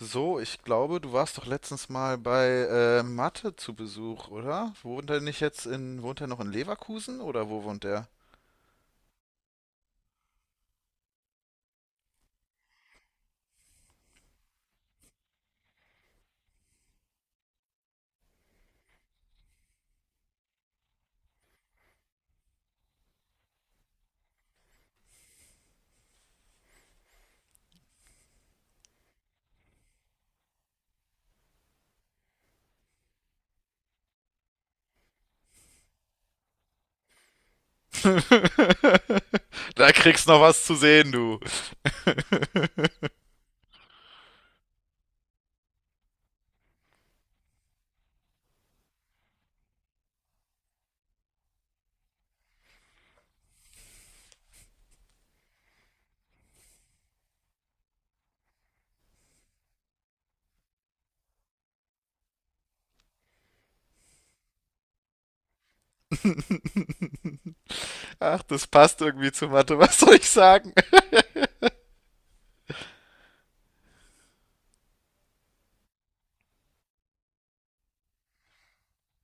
So, ich glaube, du warst doch letztens mal bei Mathe zu Besuch, oder? Wohnt er nicht jetzt in, wohnt er noch in Leverkusen oder wo wohnt er? Da kriegst noch was zu sehen, du. Ach, das passt irgendwie zu Mathe, was soll ich sagen?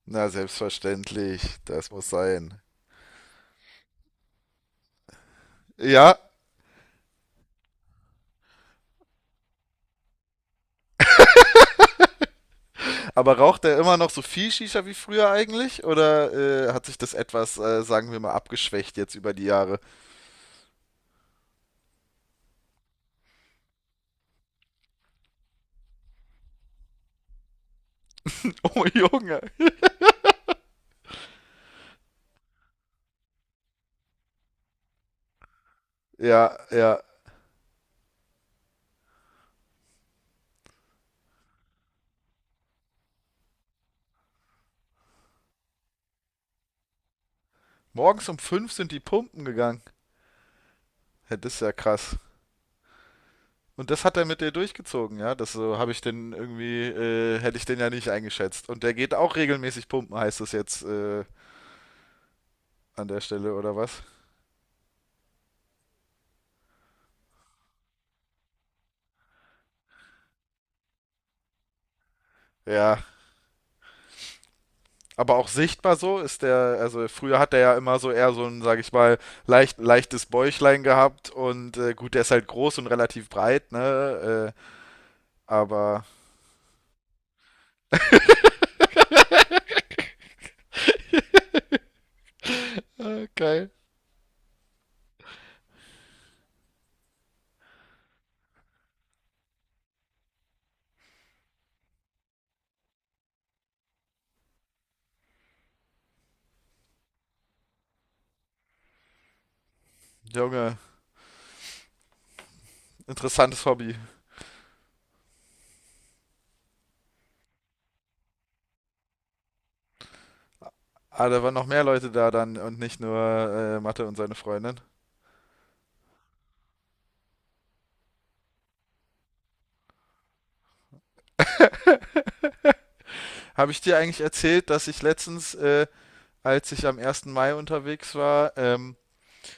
Na, selbstverständlich, das muss sein. Ja, aber raucht er immer noch so viel Shisha wie früher eigentlich? Oder hat sich das etwas, sagen wir mal, abgeschwächt jetzt über die Jahre? Oh Junge. Ja, ja. Morgens um fünf sind die Pumpen gegangen. Ja, das ist ja krass. Und das hat er mit dir durchgezogen, ja? Das, so habe ich den irgendwie, hätte ich den ja nicht eingeschätzt. Und der geht auch regelmäßig pumpen, heißt es jetzt an der Stelle, oder was? Ja. Aber auch sichtbar so ist der, also früher hat er ja immer so eher so ein, sag ich mal, leicht, leichtes Bäuchlein gehabt und gut, der ist halt groß und relativ breit, ne? Aber. Geil. Junge, interessantes Hobby. Ah, da waren noch mehr Leute da dann und nicht nur Mathe und seine Freundin. Habe ich dir eigentlich erzählt, dass ich letztens, als ich am ersten Mai unterwegs war,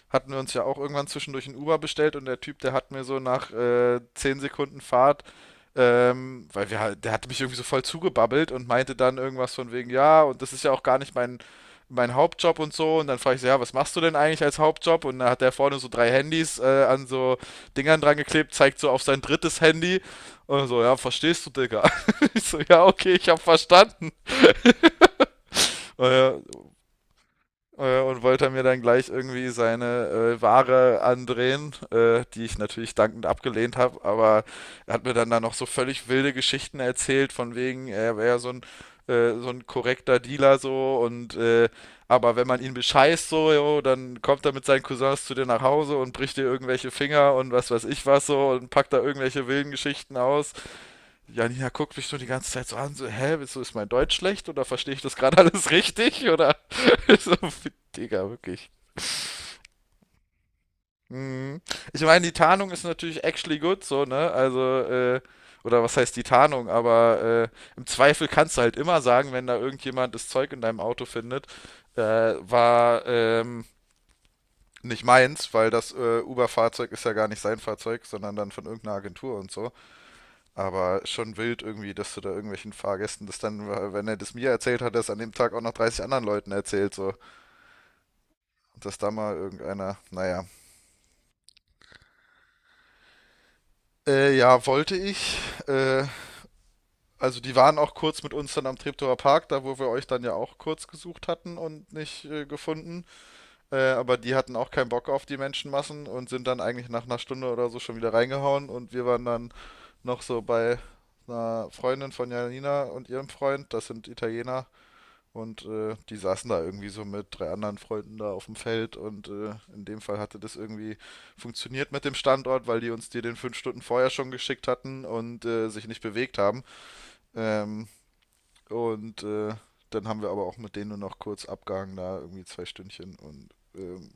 hatten wir uns ja auch irgendwann zwischendurch ein Uber bestellt, und der Typ, der hat mir so nach 10 Sekunden Fahrt, weil wir, halt- der hat mich irgendwie so voll zugebabbelt und meinte dann irgendwas von wegen, ja, und das ist ja auch gar nicht mein, mein Hauptjob und so. Und dann frage ich so, ja, was machst du denn eigentlich als Hauptjob? Und da hat der vorne so drei Handys an so Dingern dran geklebt, zeigt so auf sein drittes Handy. Und so, ja, verstehst du, Digga? Ich so, ja, okay, ich hab verstanden. Äh, und wollte mir dann gleich irgendwie seine Ware andrehen, die ich natürlich dankend abgelehnt habe, aber er hat mir dann da noch so völlig wilde Geschichten erzählt, von wegen, er wäre so ein korrekter Dealer so, und aber wenn man ihn bescheißt, so, jo, dann kommt er mit seinen Cousins zu dir nach Hause und bricht dir irgendwelche Finger und was weiß ich was so und packt da irgendwelche wilden Geschichten aus. Janina guckt mich so die ganze Zeit so an, so, hä, wieso ist mein Deutsch schlecht, oder verstehe ich das gerade alles richtig? Oder so, Digga, wirklich. Hm. Ich meine, die Tarnung ist natürlich actually good, so, ne? Also, oder was heißt die Tarnung, aber im Zweifel kannst du halt immer sagen, wenn da irgendjemand das Zeug in deinem Auto findet, war nicht meins, weil das Uber-Fahrzeug ist ja gar nicht sein Fahrzeug, sondern dann von irgendeiner Agentur und so. Aber schon wild irgendwie, dass du da irgendwelchen Fahrgästen das dann, wenn er das mir erzählt hat, das an dem Tag auch noch 30 anderen Leuten erzählt, so. Und dass da mal irgendeiner, naja. Ja, wollte ich. Äh, also die waren auch kurz mit uns dann am Treptower Park, da wo wir euch dann ja auch kurz gesucht hatten und nicht gefunden. Aber die hatten auch keinen Bock auf die Menschenmassen und sind dann eigentlich nach einer Stunde oder so schon wieder reingehauen. Und wir waren dann noch so bei einer Freundin von Janina und ihrem Freund, das sind Italiener, und die saßen da irgendwie so mit drei anderen Freunden da auf dem Feld, und in dem Fall hatte das irgendwie funktioniert mit dem Standort, weil die uns die den fünf Stunden vorher schon geschickt hatten und sich nicht bewegt haben. Ähm, und äh, dann haben wir aber auch mit denen nur noch kurz abgehangen, da irgendwie zwei Stündchen und ähm,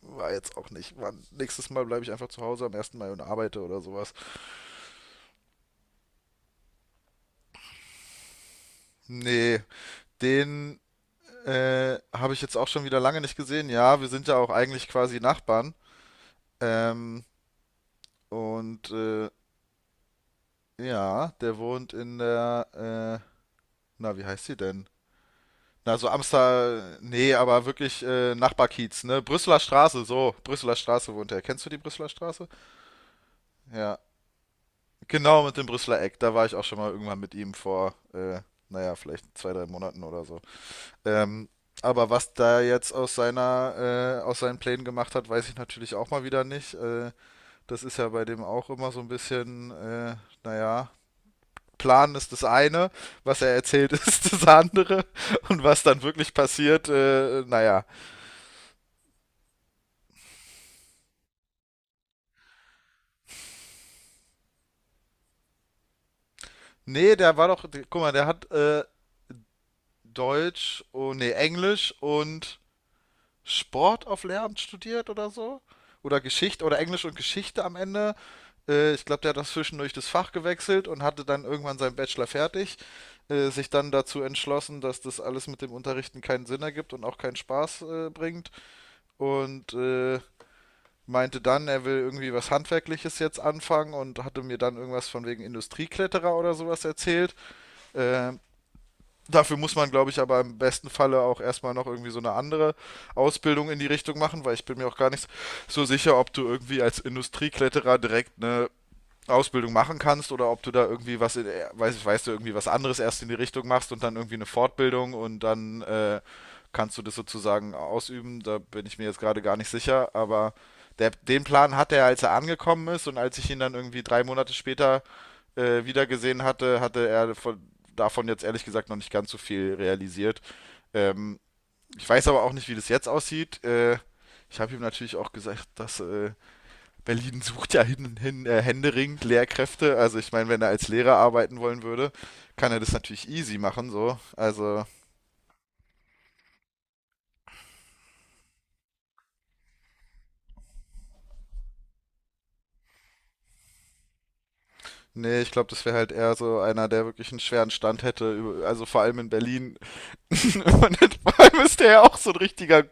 war jetzt auch nicht. War, nächstes Mal bleibe ich einfach zu Hause am ersten Mai und arbeite oder sowas. Nee, den habe ich jetzt auch schon wieder lange nicht gesehen. Ja, wir sind ja auch eigentlich quasi Nachbarn. Ähm, Und äh, ja, der wohnt in der, na, wie heißt sie denn? Na, so Amstel, nee, aber wirklich Nachbarkiez, ne? Brüsseler Straße, so, Brüsseler Straße wohnt er. Kennst du die Brüsseler Straße? Ja, genau, mit dem Brüsseler Eck. Da war ich auch schon mal irgendwann mit ihm vor, naja, vielleicht zwei, drei Monaten oder so. Ähm, aber was da jetzt aus seiner, aus seinen Plänen gemacht hat, weiß ich natürlich auch mal wieder nicht. Das ist ja bei dem auch immer so ein bisschen, naja, Plan ist das eine, was er erzählt ist das andere, und was dann wirklich passiert, naja. Nee, der war doch, guck mal, der hat Deutsch, oh, nee, Englisch und Sport auf Lehramt studiert oder so. Oder Geschichte oder Englisch und Geschichte am Ende. Ich glaube, der hat das zwischendurch das Fach gewechselt und hatte dann irgendwann seinen Bachelor fertig. Sich dann dazu entschlossen, dass das alles mit dem Unterrichten keinen Sinn ergibt und auch keinen Spaß bringt. Und meinte dann, er will irgendwie was Handwerkliches jetzt anfangen, und hatte mir dann irgendwas von wegen Industriekletterer oder sowas erzählt. Äh, dafür muss man, glaube ich, aber im besten Falle auch erstmal noch irgendwie so eine andere Ausbildung in die Richtung machen, weil ich bin mir auch gar nicht so sicher, ob du irgendwie als Industriekletterer direkt eine Ausbildung machen kannst, oder ob du da irgendwie was, in, weiß, weißt du, irgendwie was anderes erst in die Richtung machst und dann irgendwie eine Fortbildung und dann kannst du das sozusagen ausüben. Da bin ich mir jetzt gerade gar nicht sicher, aber der, den Plan hatte er, als er angekommen ist, und als ich ihn dann irgendwie drei Monate später wieder gesehen hatte, hatte er von, davon jetzt ehrlich gesagt noch nicht ganz so viel realisiert. Ähm, ich weiß aber auch nicht, wie das jetzt aussieht. Ich habe ihm natürlich auch gesagt, dass Berlin sucht ja hin, hin, händeringend Lehrkräfte. Also ich meine, wenn er als Lehrer arbeiten wollen würde, kann er das natürlich easy machen, so. Also, nee, ich glaube, das wäre halt eher so einer, der wirklich einen schweren Stand hätte, über- also vor allem in Berlin. Und vor allem ist der ja auch so ein richtiger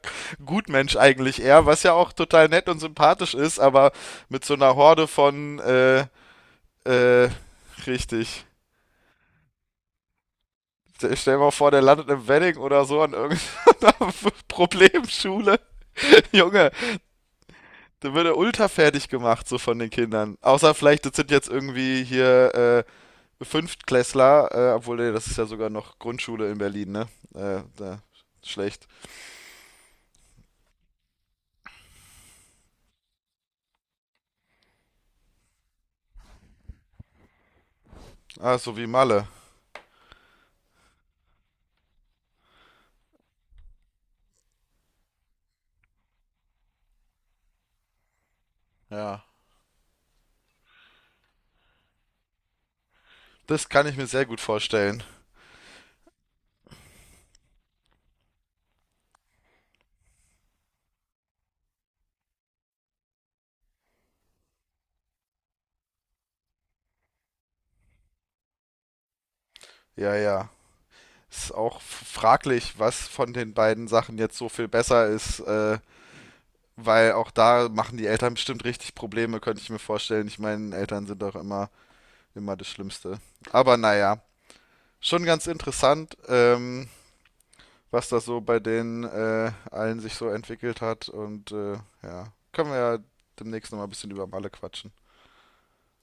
Gutmensch eigentlich eher, was ja auch total nett und sympathisch ist, aber mit so einer Horde von, äh, richtig. Stell dir mal vor, der landet im Wedding oder so an irgendeiner Problemschule. Junge, da wird er ultra fertig gemacht, so von den Kindern. Außer vielleicht, das sind jetzt irgendwie hier Fünftklässler, obwohl, nee, das ist ja sogar noch Grundschule in Berlin, ne? Da, schlecht. Ah, so wie Malle. Ja. Das kann ich mir sehr gut vorstellen. Ja, ja. Ist auch f- fraglich, was von den beiden Sachen jetzt so viel besser ist, weil auch da machen die Eltern bestimmt richtig Probleme, könnte ich mir vorstellen. Ich meine, Eltern sind doch immer, immer das Schlimmste. Aber naja, schon ganz interessant. Was das so bei den allen sich so entwickelt hat. Und ja, können wir ja demnächst nochmal ein bisschen über Malle quatschen.